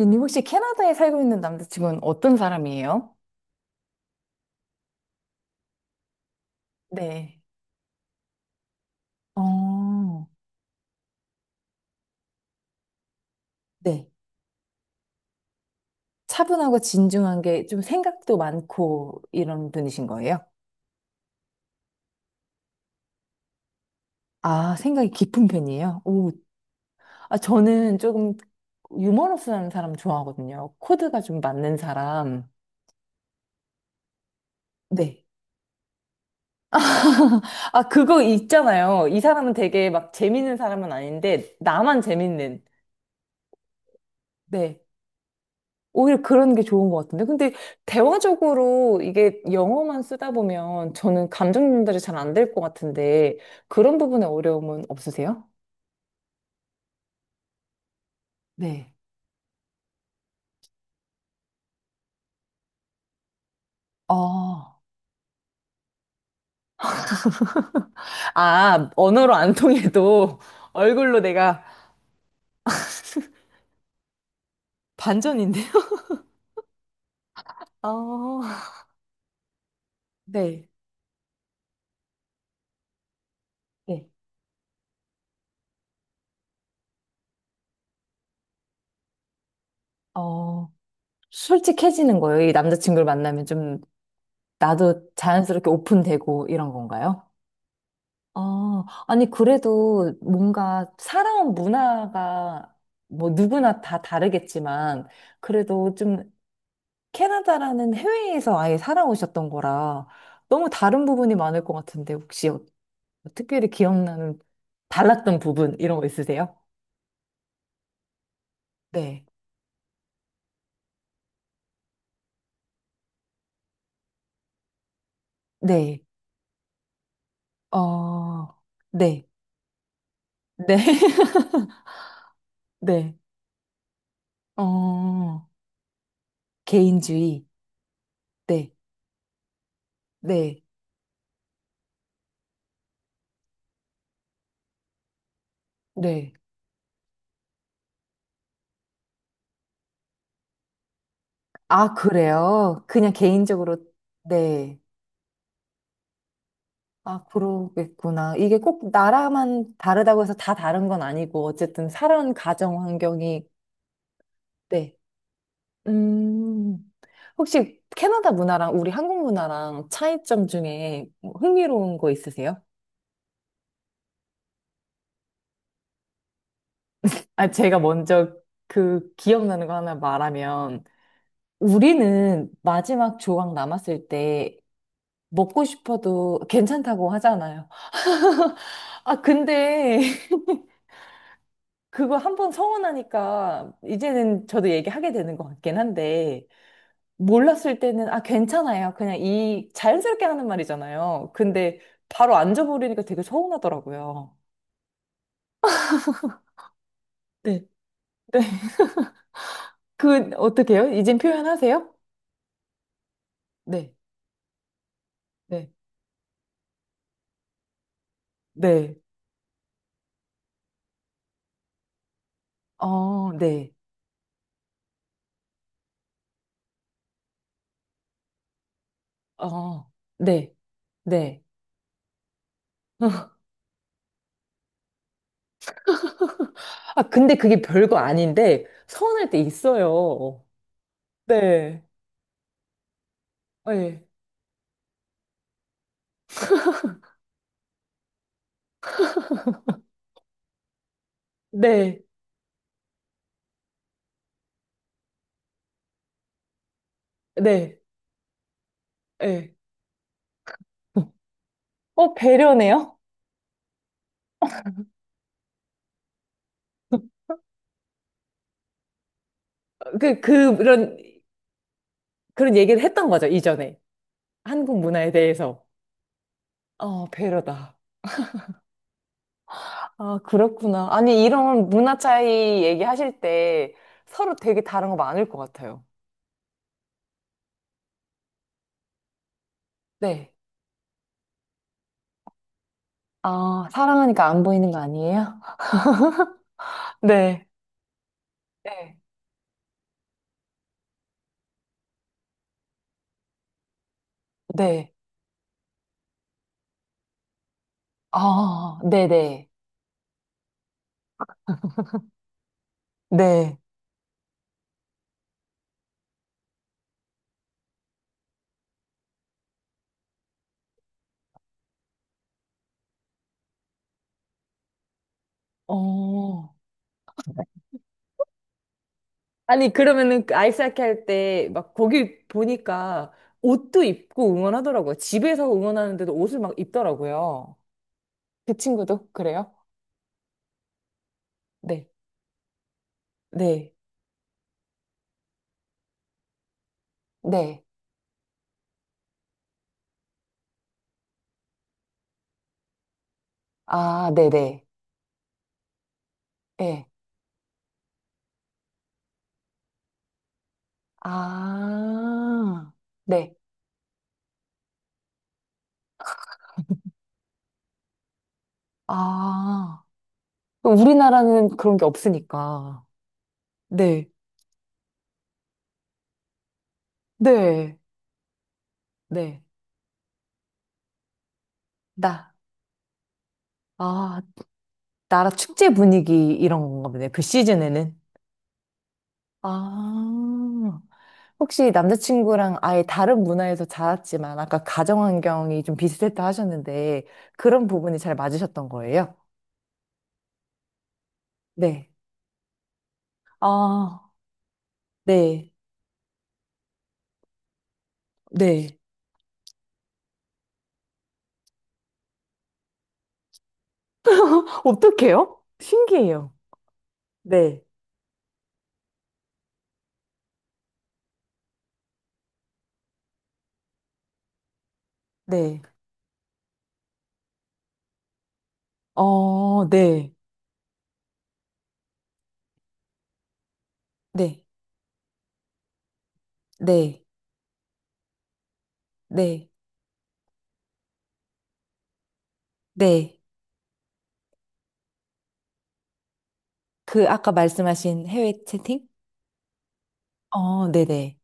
님 혹시 캐나다에 살고 있는 남자친구는 어떤 사람이에요? 네. 어, 네. 차분하고 진중한 게 좀 생각도 많고 이런 분이신 거예요? 아, 생각이 깊은 편이에요? 오, 아, 저는 조금 유머러스한 사람 좋아하거든요. 코드가 좀 맞는 사람. 네. 아, 그거 있잖아요. 이 사람은 되게 막 재밌는 사람은 아닌데, 나만 재밌는. 네. 오히려 그런 게 좋은 것 같은데. 근데 대화적으로 이게 영어만 쓰다 보면 저는 감정 전달이 잘 안 될 것 같은데 그런 부분에 어려움은 없으세요? 네. 아, 아, 언어로 안 통해도 얼굴로 내가, 반전인데요? 아, 네. 네. 어, 솔직해지는 거예요. 이 남자친구를 만나면 좀 나도 자연스럽게 오픈되고 이런 건가요? 아, 아니, 그래도 뭔가 살아온 문화가 뭐 누구나 다 다르겠지만, 그래도 좀 캐나다라는 해외에서 아예 살아오셨던 거라 너무 다른 부분이 많을 것 같은데, 혹시 특별히 기억나는 달랐던 부분, 이런 거 있으세요? 네. 네. 어, 네. 네. 네. 어, 개인주의. 네. 네. 네. 아, 그래요? 그냥 개인적으로, 네. 아, 그러겠구나. 이게 꼭 나라만 다르다고 해서 다 다른 건 아니고, 어쨌든 살아온 가정 환경이, 네. 음, 혹시 캐나다 문화랑 우리 한국 문화랑 차이점 중에 뭐 흥미로운 거 있으세요? 아, 제가 먼저 그 기억나는 거 하나 말하면, 우리는 마지막 조각 남았을 때 먹고 싶어도 괜찮다고 하잖아요. 아, 근데 그거 한 번 서운하니까 이제는 저도 얘기하게 되는 것 같긴 한데 몰랐을 때는 아 괜찮아요. 그냥 이 자연스럽게 하는 말이잖아요. 근데 바로 앉아버리니까 되게 서운하더라고요. 네. 네. 그 어떻게 해요? 이젠 표현하세요? 네. 네. 네. 어, 네. 어, 네. 네. 아, 근데 그게 별거 아닌데 서운할 때 있어요. 네. 네. 네. 네. 네. 어, 배려네요? 그, 그, 그런, 그런 얘기를 했던 거죠, 이전에. 한국 문화에 대해서. 어, 배려다. 아, 그렇구나. 아니, 이런 문화 차이 얘기하실 때 서로 되게 다른 거 많을 것 같아요. 네. 아, 사랑하니까 안 보이는 거 아니에요? 네. 네. 네. 아, 네네. 네. 어, 아니, 그러면은 그 아이스하키 할 때 막 거기 보니까 옷도 입고 응원하더라고요. 집에서 응원하는데도 옷을 막 입더라고요. 그 친구도 그래요? 네, 네, 네. 아, 네네. 예. 아, 네. 아. 그럼 우리나라는 그런 게 없으니까. 네, 네, 네. 나, 아, 나라 축제 분위기 이런 건가 보네. 그 시즌에는. 아, 혹시 남자친구랑 아예 다른 문화에서 자랐지만 아까 가정환경이 좀 비슷했다 하셨는데 그런 부분이 잘 맞으셨던 거예요? 네. 아, 네. 네, 어떡해요? 신기해요. 네. 네, 어, 네, 네, 네, 네, 네. 그 아까 말씀하신 해외 채팅? 어, 네네.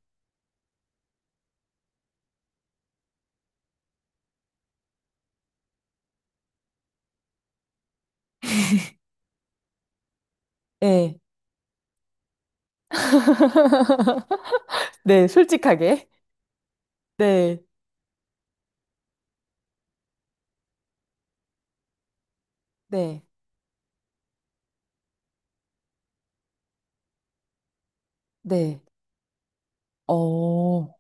네, 네, 솔직하게. 네, 네, 네. 어,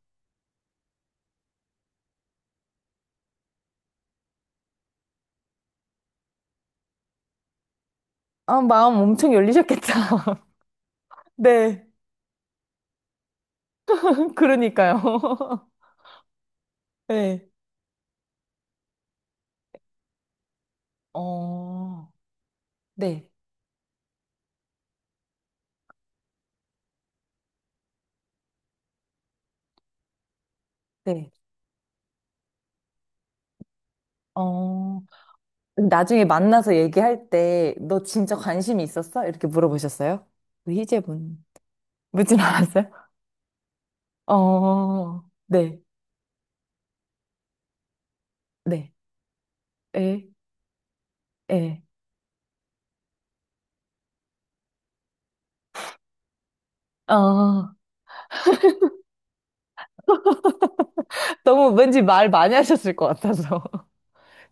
아, 마음 엄청 열리셨겠다. 네, 그러니까요. 네, 어, 네, 네, 어. 나중에 만나서 얘기할 때, 너 진짜 관심이 있었어? 이렇게 물어보셨어요? 우리 희재분. 묻진 않았어요? 어, 네, 네, 에, 에, 어. 너무 왠지 말 많이 하셨을 것 같아서.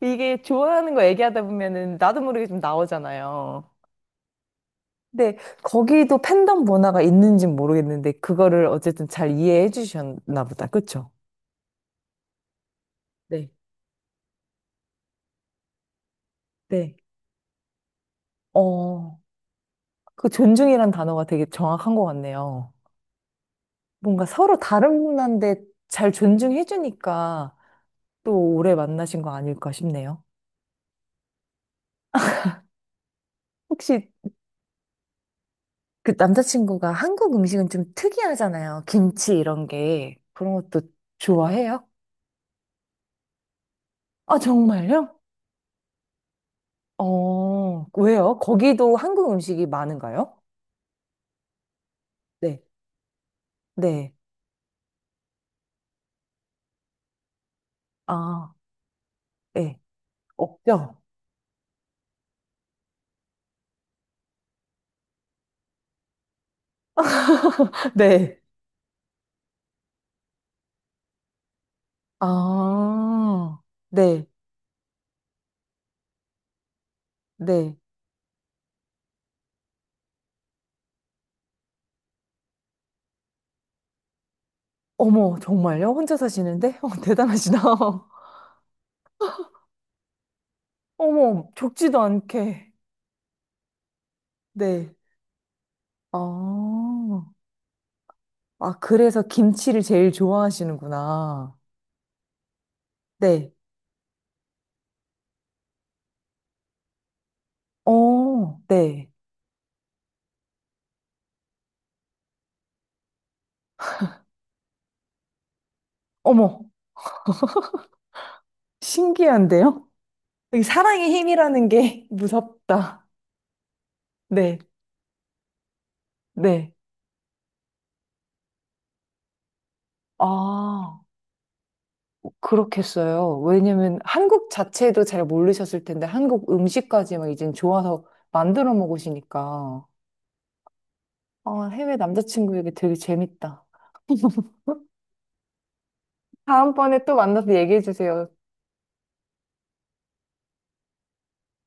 이게 좋아하는 거 얘기하다 보면은 나도 모르게 좀 나오잖아요. 근데 거기도 팬덤 문화가 있는진 모르겠는데, 그거를 어쨌든 잘 이해해 주셨나 보다. 그쵸? 네, 네. 어, 그 존중이란 단어가 되게 정확한 것 같네요. 뭔가 서로 다른데 분한잘 존중해주니까 또 오래 만나신 거 아닐까 싶네요. 혹시 그 남자친구가 한국 음식은 좀 특이하잖아요. 김치 이런 게. 그런 것도 좋아해요? 아, 정말요? 어, 왜요? 거기도 한국 음식이 많은가요? 네. 네. 아, 네. 없죠? 네. 아, 네. 네. 어머, 정말요? 혼자 사시는데? 어, 대단하시다. 어머, 적지도 않게. 네. 아, 아, 그래서 김치를 제일 좋아하시는구나. 네. 어, 네. 어머, 신기한데요? 이 사랑의 힘이라는 게 무섭다. 네, 네. 아, 그렇겠어요. 왜냐면 한국 자체도 잘 모르셨을 텐데 한국 음식까지 막 이젠 좋아서 만들어 먹으시니까. 아, 해외 남자친구에게 되게 재밌다. 다음번에 또 만나서 얘기해 주세요.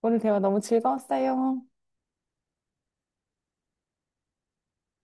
오늘 대화 너무 즐거웠어요.